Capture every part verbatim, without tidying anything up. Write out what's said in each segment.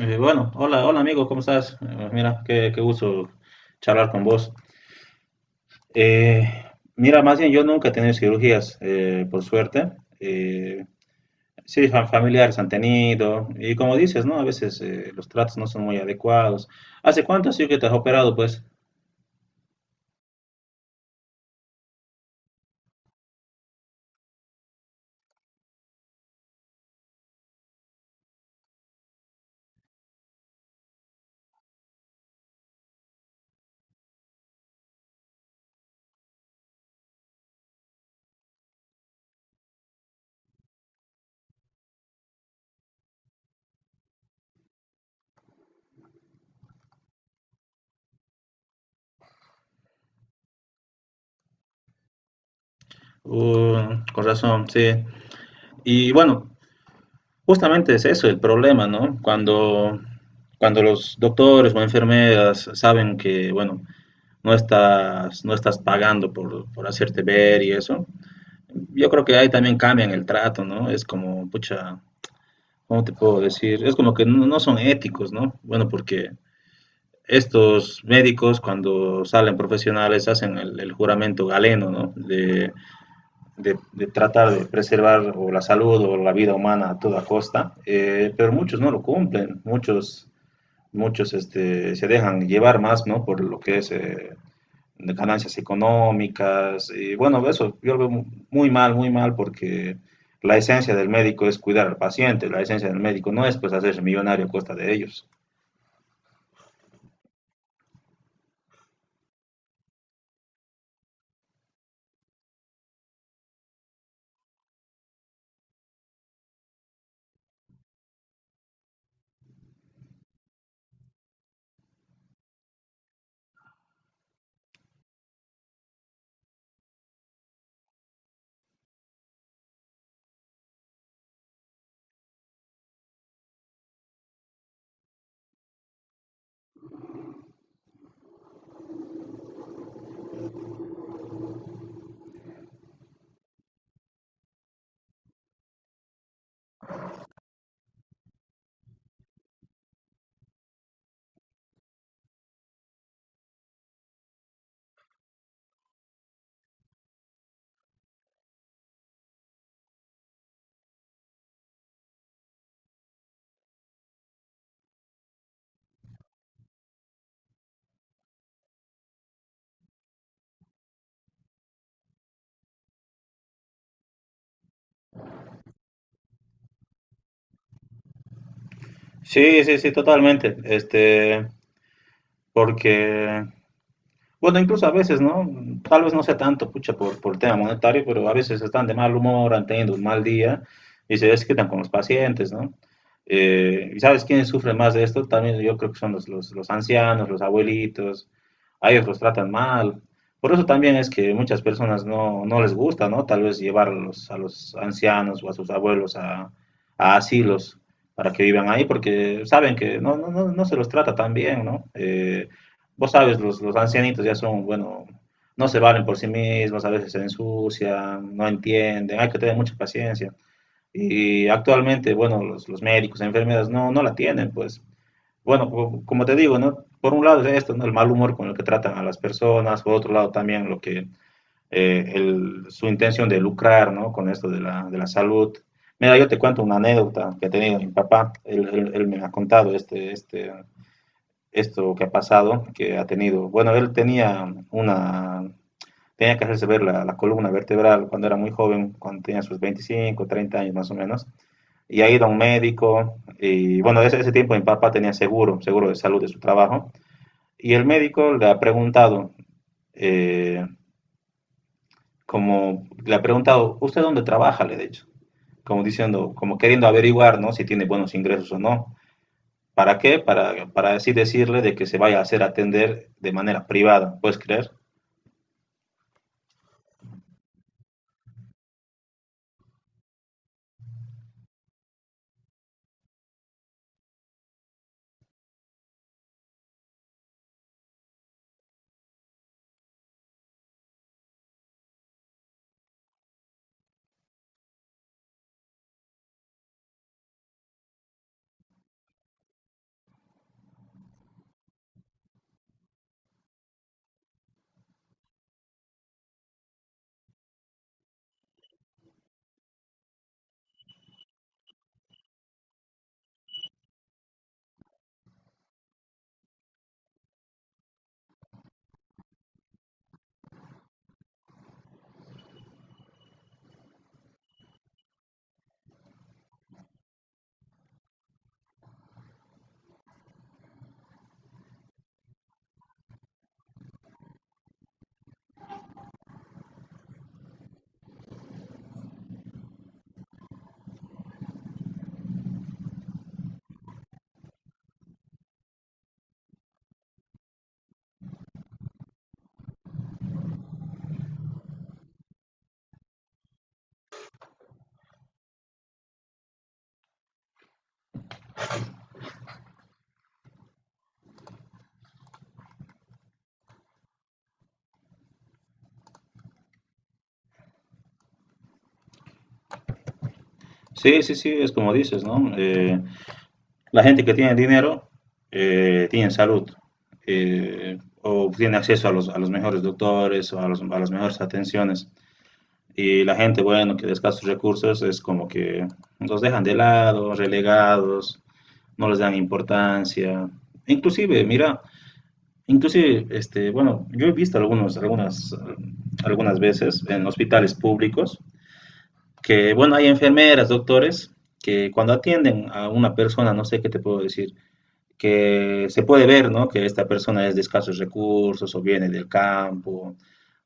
Eh, bueno, hola, hola amigo, ¿cómo estás? Eh, mira, qué, qué gusto charlar con vos. Eh, Mira, más bien yo nunca he tenido cirugías, eh, por suerte. Eh, sí, fa- familiares han tenido, y como dices, ¿no? A veces eh, los tratos no son muy adecuados. ¿Hace cuánto sí que te has operado, pues? Uh, con razón, sí. Y bueno, justamente es eso el problema, ¿no? Cuando, cuando los doctores o enfermeras saben que, bueno, no estás, no estás pagando por, por hacerte ver y eso. Yo creo que ahí también cambian el trato, ¿no? Es como, pucha, ¿cómo te puedo decir? Es como que no, no son éticos, ¿no? Bueno, porque estos médicos cuando salen profesionales hacen el, el juramento galeno, ¿no? De, de- de tratar de preservar o la salud o la vida humana a toda costa, eh, pero muchos no lo cumplen, muchos, muchos este, se dejan llevar más, ¿no? Por lo que es eh, de ganancias económicas. Y bueno, eso yo lo veo muy mal, muy mal, porque la esencia del médico es cuidar al paciente, la esencia del médico no es pues hacerse millonario a costa de ellos. Sí, sí, sí, totalmente. Este, porque Bueno, incluso a veces, ¿no? Tal vez no sea tanto, pucha, por, por tema monetario, pero a veces están de mal humor, han tenido un mal día y se desquitan con los pacientes, ¿no? Eh, ¿y sabes quiénes sufren más de esto? También yo creo que son los, los, los ancianos, los abuelitos, a ellos los tratan mal. Por eso también es que muchas personas no, no les gusta, ¿no? Tal vez llevar a los, a los ancianos o a sus abuelos a, a asilos para que vivan ahí, porque saben que no, no, no, no se los trata tan bien, ¿no? Eh, vos sabes, los, los ancianitos ya son, bueno, no se valen por sí mismos, a veces se ensucian, no entienden, hay que tener mucha paciencia. Y actualmente, bueno, los, los médicos, enfermeras no, no la tienen, pues. Bueno, co- como te digo, ¿no? Por un lado es esto, ¿no? El mal humor con el que tratan a las personas, por otro lado también lo que, eh, el- su intención de lucrar, ¿no? Con esto de la, de la salud. Mira, yo te cuento una anécdota que he tenido mi papá, él, él- él me ha contado este, este, esto que ha pasado, que ha tenido. Bueno, él tenía una, tenía que hacerse ver la, la columna vertebral cuando era muy joven, cuando tenía sus veinticinco, treinta años más o menos, y ha ido a un médico, y bueno, ese, ese tiempo mi papá tenía seguro, seguro de salud de su trabajo, y el médico le ha preguntado, eh, como le ha preguntado, ¿usted dónde trabaja? Le he dicho, como diciendo, como queriendo averiguar, ¿no? Si tiene buenos ingresos o no. ¿Para qué? Para, para así decirle de que se vaya a hacer atender de manera privada, ¿puedes creer? Sí, sí, sí, es como dices, ¿no? Eh, la gente que tiene dinero eh, tiene salud eh, o tiene acceso a los, a los mejores doctores o a, los- a las mejores atenciones. Y la gente, bueno, que de escasos recursos es como que los dejan de lado, relegados, no les dan importancia. Inclusive, mira, inclusive, este, bueno, yo he visto algunos, algunas, eh, algunas veces en hospitales públicos que bueno, hay enfermeras, doctores, que cuando atienden a una persona, no sé qué te puedo decir, que se puede ver, ¿no? Que esta persona es de escasos recursos o viene del campo,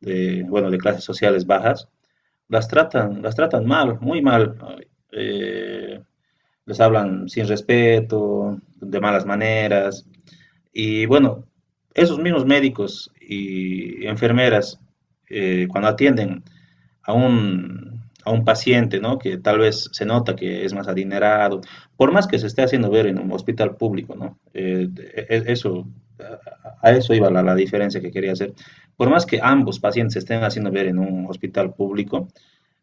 de, bueno, de clases sociales bajas, las tratan, las tratan mal, muy mal. Eh, Les hablan sin respeto, de malas maneras. Y bueno, esos mismos médicos y enfermeras, eh, cuando atienden a un, a un paciente, ¿no? Que tal vez se nota que es más adinerado, por más que se esté haciendo ver en un hospital público, ¿no? Eh, e- e, eso, a eso iba la, la diferencia que quería hacer. Por más que ambos pacientes se estén haciendo ver en un hospital público,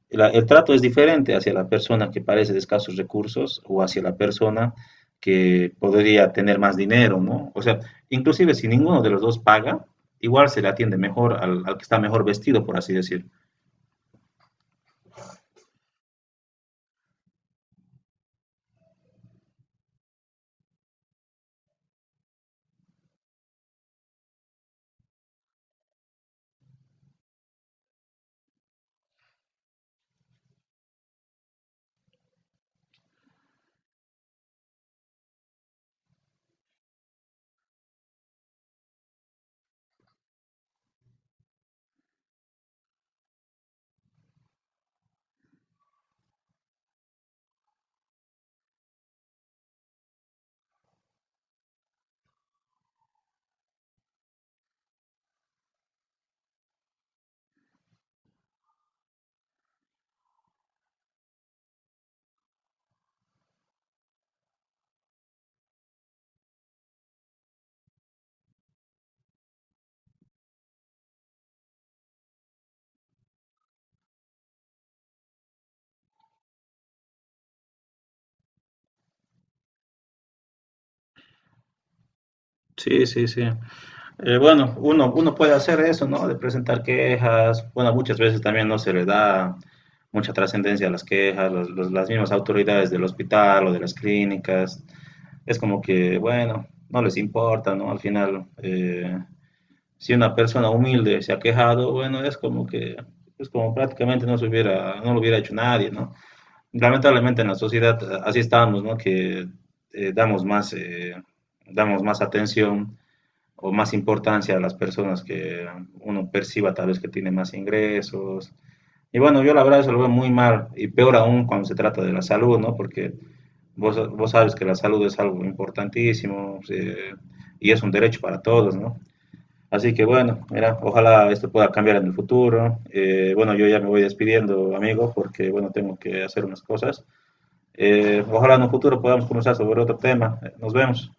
la- el trato es diferente hacia la persona que parece de escasos recursos o hacia la persona que podría tener más dinero, ¿no? O sea, inclusive si ninguno de los dos paga, igual se le atiende mejor al, al que está mejor vestido, por así decir. Sí, sí, sí. Eh, bueno, uno, uno puede hacer eso, ¿no? De presentar quejas. Bueno, muchas veces también no se le da mucha trascendencia a las quejas, los- los- las mismas autoridades del hospital o de las clínicas. Es como que, bueno, no les importa, ¿no? Al final, eh, si una persona humilde se ha quejado, bueno, es como que, es como prácticamente no se hubiera, no lo hubiera hecho nadie, ¿no? Lamentablemente en la sociedad eh, así estamos, ¿no? Que eh, damos más, eh, damos más atención o más importancia a las personas que uno perciba tal vez que tiene más ingresos. Y bueno, yo la verdad eso lo veo muy mal y peor aún cuando se trata de la salud, ¿no? Porque vos, vos sabes que la salud es algo importantísimo eh, y es un derecho para todos, ¿no? Así que bueno, mira, ojalá esto pueda cambiar en el futuro. Eh, bueno, yo ya me voy despidiendo, amigo, porque bueno, tengo que hacer unas cosas. Eh, ojalá en un futuro podamos conversar sobre otro tema. Nos vemos.